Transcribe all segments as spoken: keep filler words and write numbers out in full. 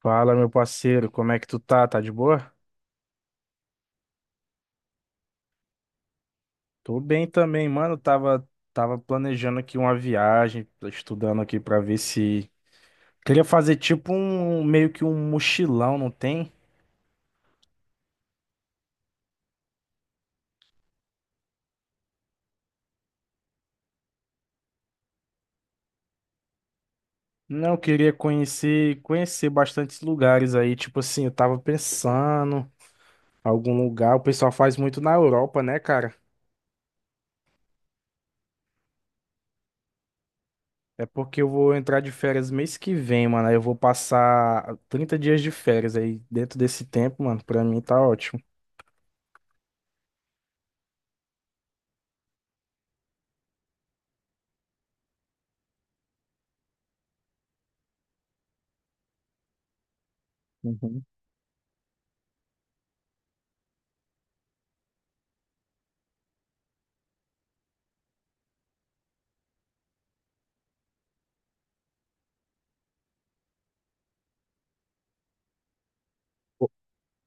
Fala, meu parceiro, como é que tu tá? Tá de boa? Tô bem também, mano. Tava, tava planejando aqui uma viagem, tô estudando aqui pra ver se. Queria fazer tipo um meio que um mochilão, não tem? Não, eu queria conhecer, conhecer bastantes lugares aí. Tipo assim, eu tava pensando algum lugar. O pessoal faz muito na Europa, né, cara? É porque eu vou entrar de férias mês que vem, mano. Aí eu vou passar trinta dias de férias aí. Dentro desse tempo, mano, pra mim tá ótimo. Uhum.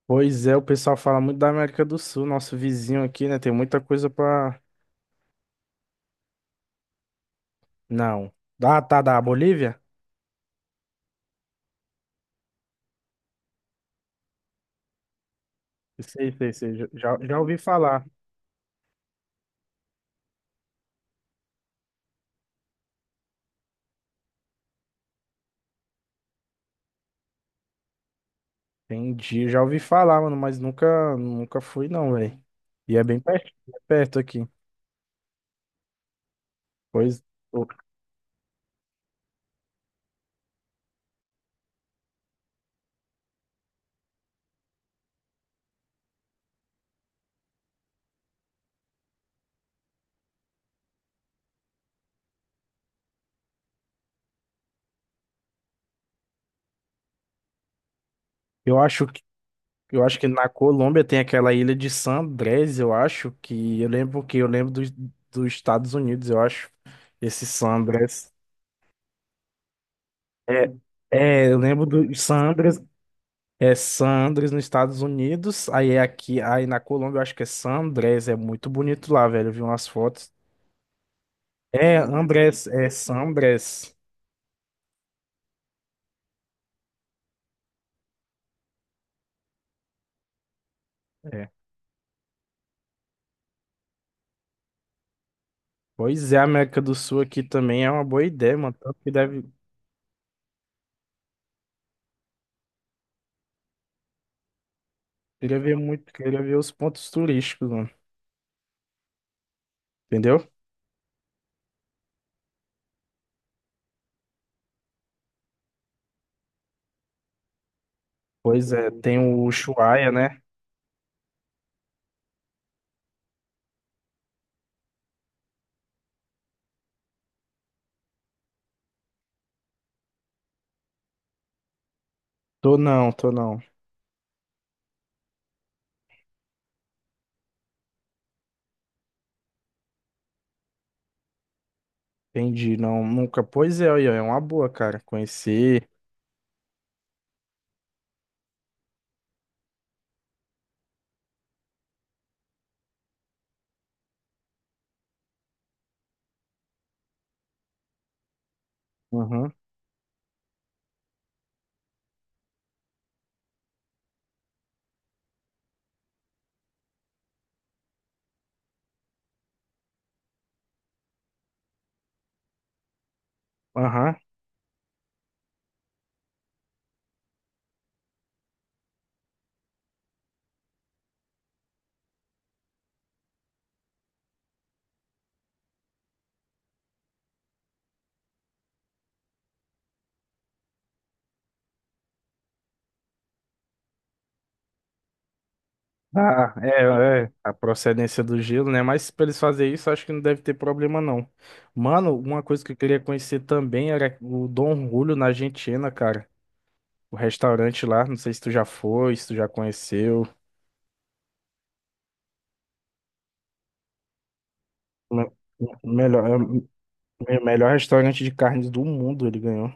Pois é, o pessoal fala muito da América do Sul, nosso vizinho aqui, né? Tem muita coisa pra. Não. Ah, tá, da Bolívia? Sei, sei, sei. Já, já já ouvi falar. Entendi, já ouvi falar, mano, mas nunca, nunca fui, não, velho. E é bem perto, é perto aqui. Pois eu eu acho que. Eu acho que na Colômbia tem aquela ilha de San Andrés, eu acho que eu lembro que eu lembro dos, dos Estados Unidos, eu acho. Esse San Andrés. É, é, eu lembro do San Andrés. É San Andrés nos Estados Unidos, aí é aqui, aí na Colômbia eu acho que é San Andrés, é muito bonito lá, velho, eu vi umas fotos. É, Andrés, é San Andrés. É. Pois é, a América do Sul aqui também é uma boa ideia, mano, tanto que deve, queria ver muito, queria ver os pontos turísticos, mano, entendeu? Pois é, tem o Ushuaia, né? Tô não, tô não, entendi, não, nunca, pois é, aí, ó, é uma boa, cara, conhecer, aham, aham. Ah, é, é, a procedência do gelo, né? Mas pra eles fazerem isso, acho que não deve ter problema, não. Mano, uma coisa que eu queria conhecer também era o Dom Julio na Argentina, cara. O restaurante lá, não sei se tu já foi, se tu já conheceu. Me- Melhor, é o melhor restaurante de carnes do mundo, ele ganhou.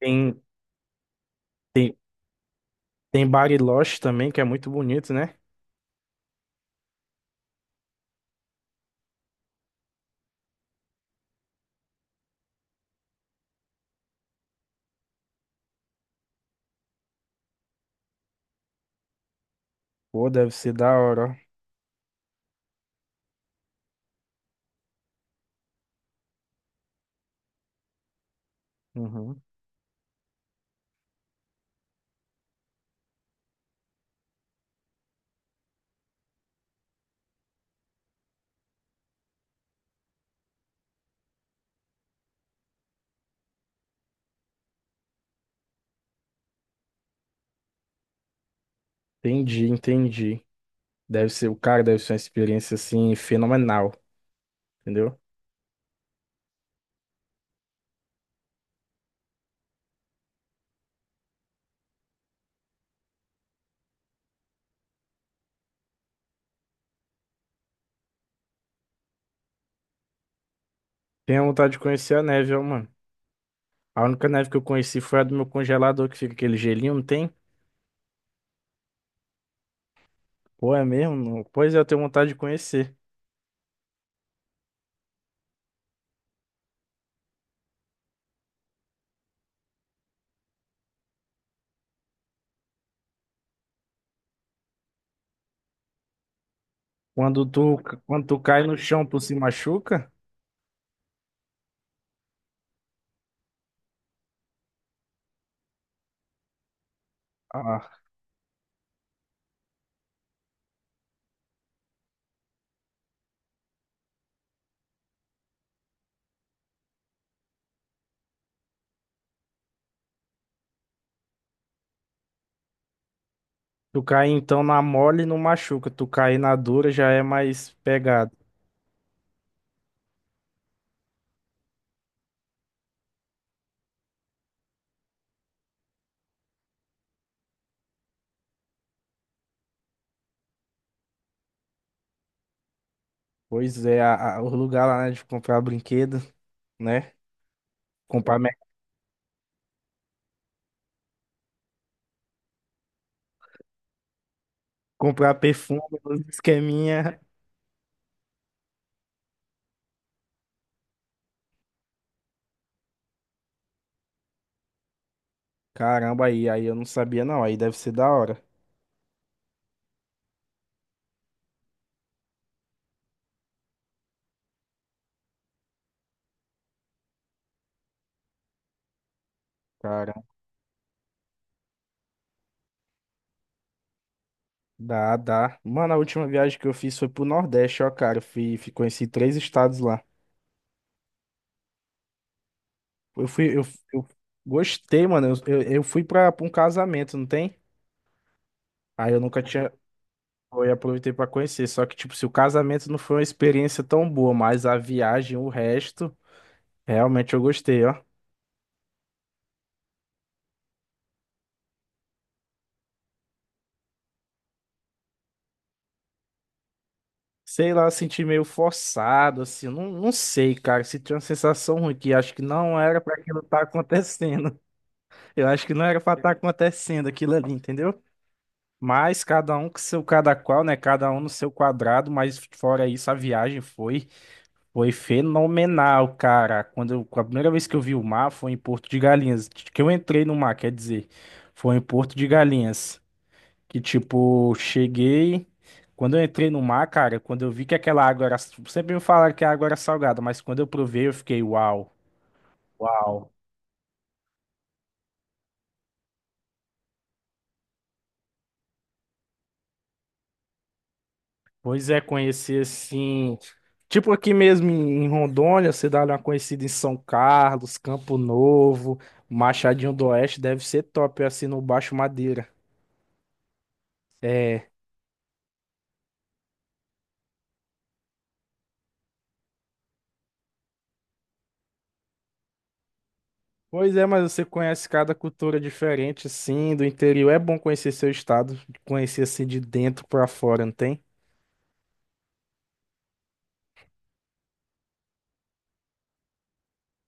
Tem, tem, tem Bariloche também, que é muito bonito, né? Pô, deve ser da hora, ó. Uhum. Entendi, entendi. Deve ser, o cara deve ser uma experiência, assim, fenomenal, entendeu? Tenho vontade de conhecer a neve, ó, mano. A única neve que eu conheci foi a do meu congelador, que fica aquele gelinho, não tem? Pô, é mesmo? Não. Pois é, eu tenho vontade de conhecer. Quando tu, quando tu cai no chão, tu se machuca? Ah, tu cai então na mole e não machuca. Tu cai na dura já é mais pegado. Pois é, a, a- o lugar lá, né, de comprar brinquedo, né? Comprar, me- comprar perfume, uns esqueminha. Caramba, aí, aí eu não sabia não. Aí deve ser da hora. Cara. Dá, dá. Mano, a última viagem que eu fiz foi pro Nordeste, ó, cara. Eu fui, fui conheci três estados lá. Eu fui, eu, eu gostei, mano. Eu, eu, eu fui pra, pra um casamento, não tem? Aí eu nunca tinha. Eu aproveitei pra conhecer. Só que, tipo, se o casamento não foi uma experiência tão boa, mas a viagem, o resto, realmente eu gostei, ó. Sei lá, eu senti meio forçado, assim. Eu Não, não sei, cara. Senti uma sensação ruim que acho que não era pra aquilo estar acontecendo. Eu acho que não era pra estar acontecendo aquilo ali, entendeu? Mas cada um com seu cada qual, né? Cada um no seu quadrado, mas fora isso, a viagem foi foi fenomenal, cara. Quando eu- a primeira vez que eu vi o mar foi em Porto de Galinhas, que eu entrei no mar, quer dizer, foi em Porto de Galinhas, que tipo, cheguei, quando eu entrei no mar, cara, quando eu vi que aquela água era, sempre me falaram que a água era salgada, mas quando eu provei, eu fiquei, uau, uau. Pois é, conhecer assim. Tipo aqui mesmo em em Rondônia, você dá uma conhecida em São Carlos, Campo Novo, Machadinho do Oeste, deve ser top assim no Baixo Madeira. É. Pois é, mas você conhece cada cultura diferente assim, do interior. É bom conhecer seu estado, conhecer assim de dentro pra fora, não tem?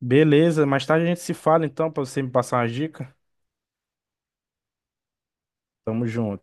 Beleza, mais tarde a gente se fala então, pra você me passar uma dica. Tamo junto.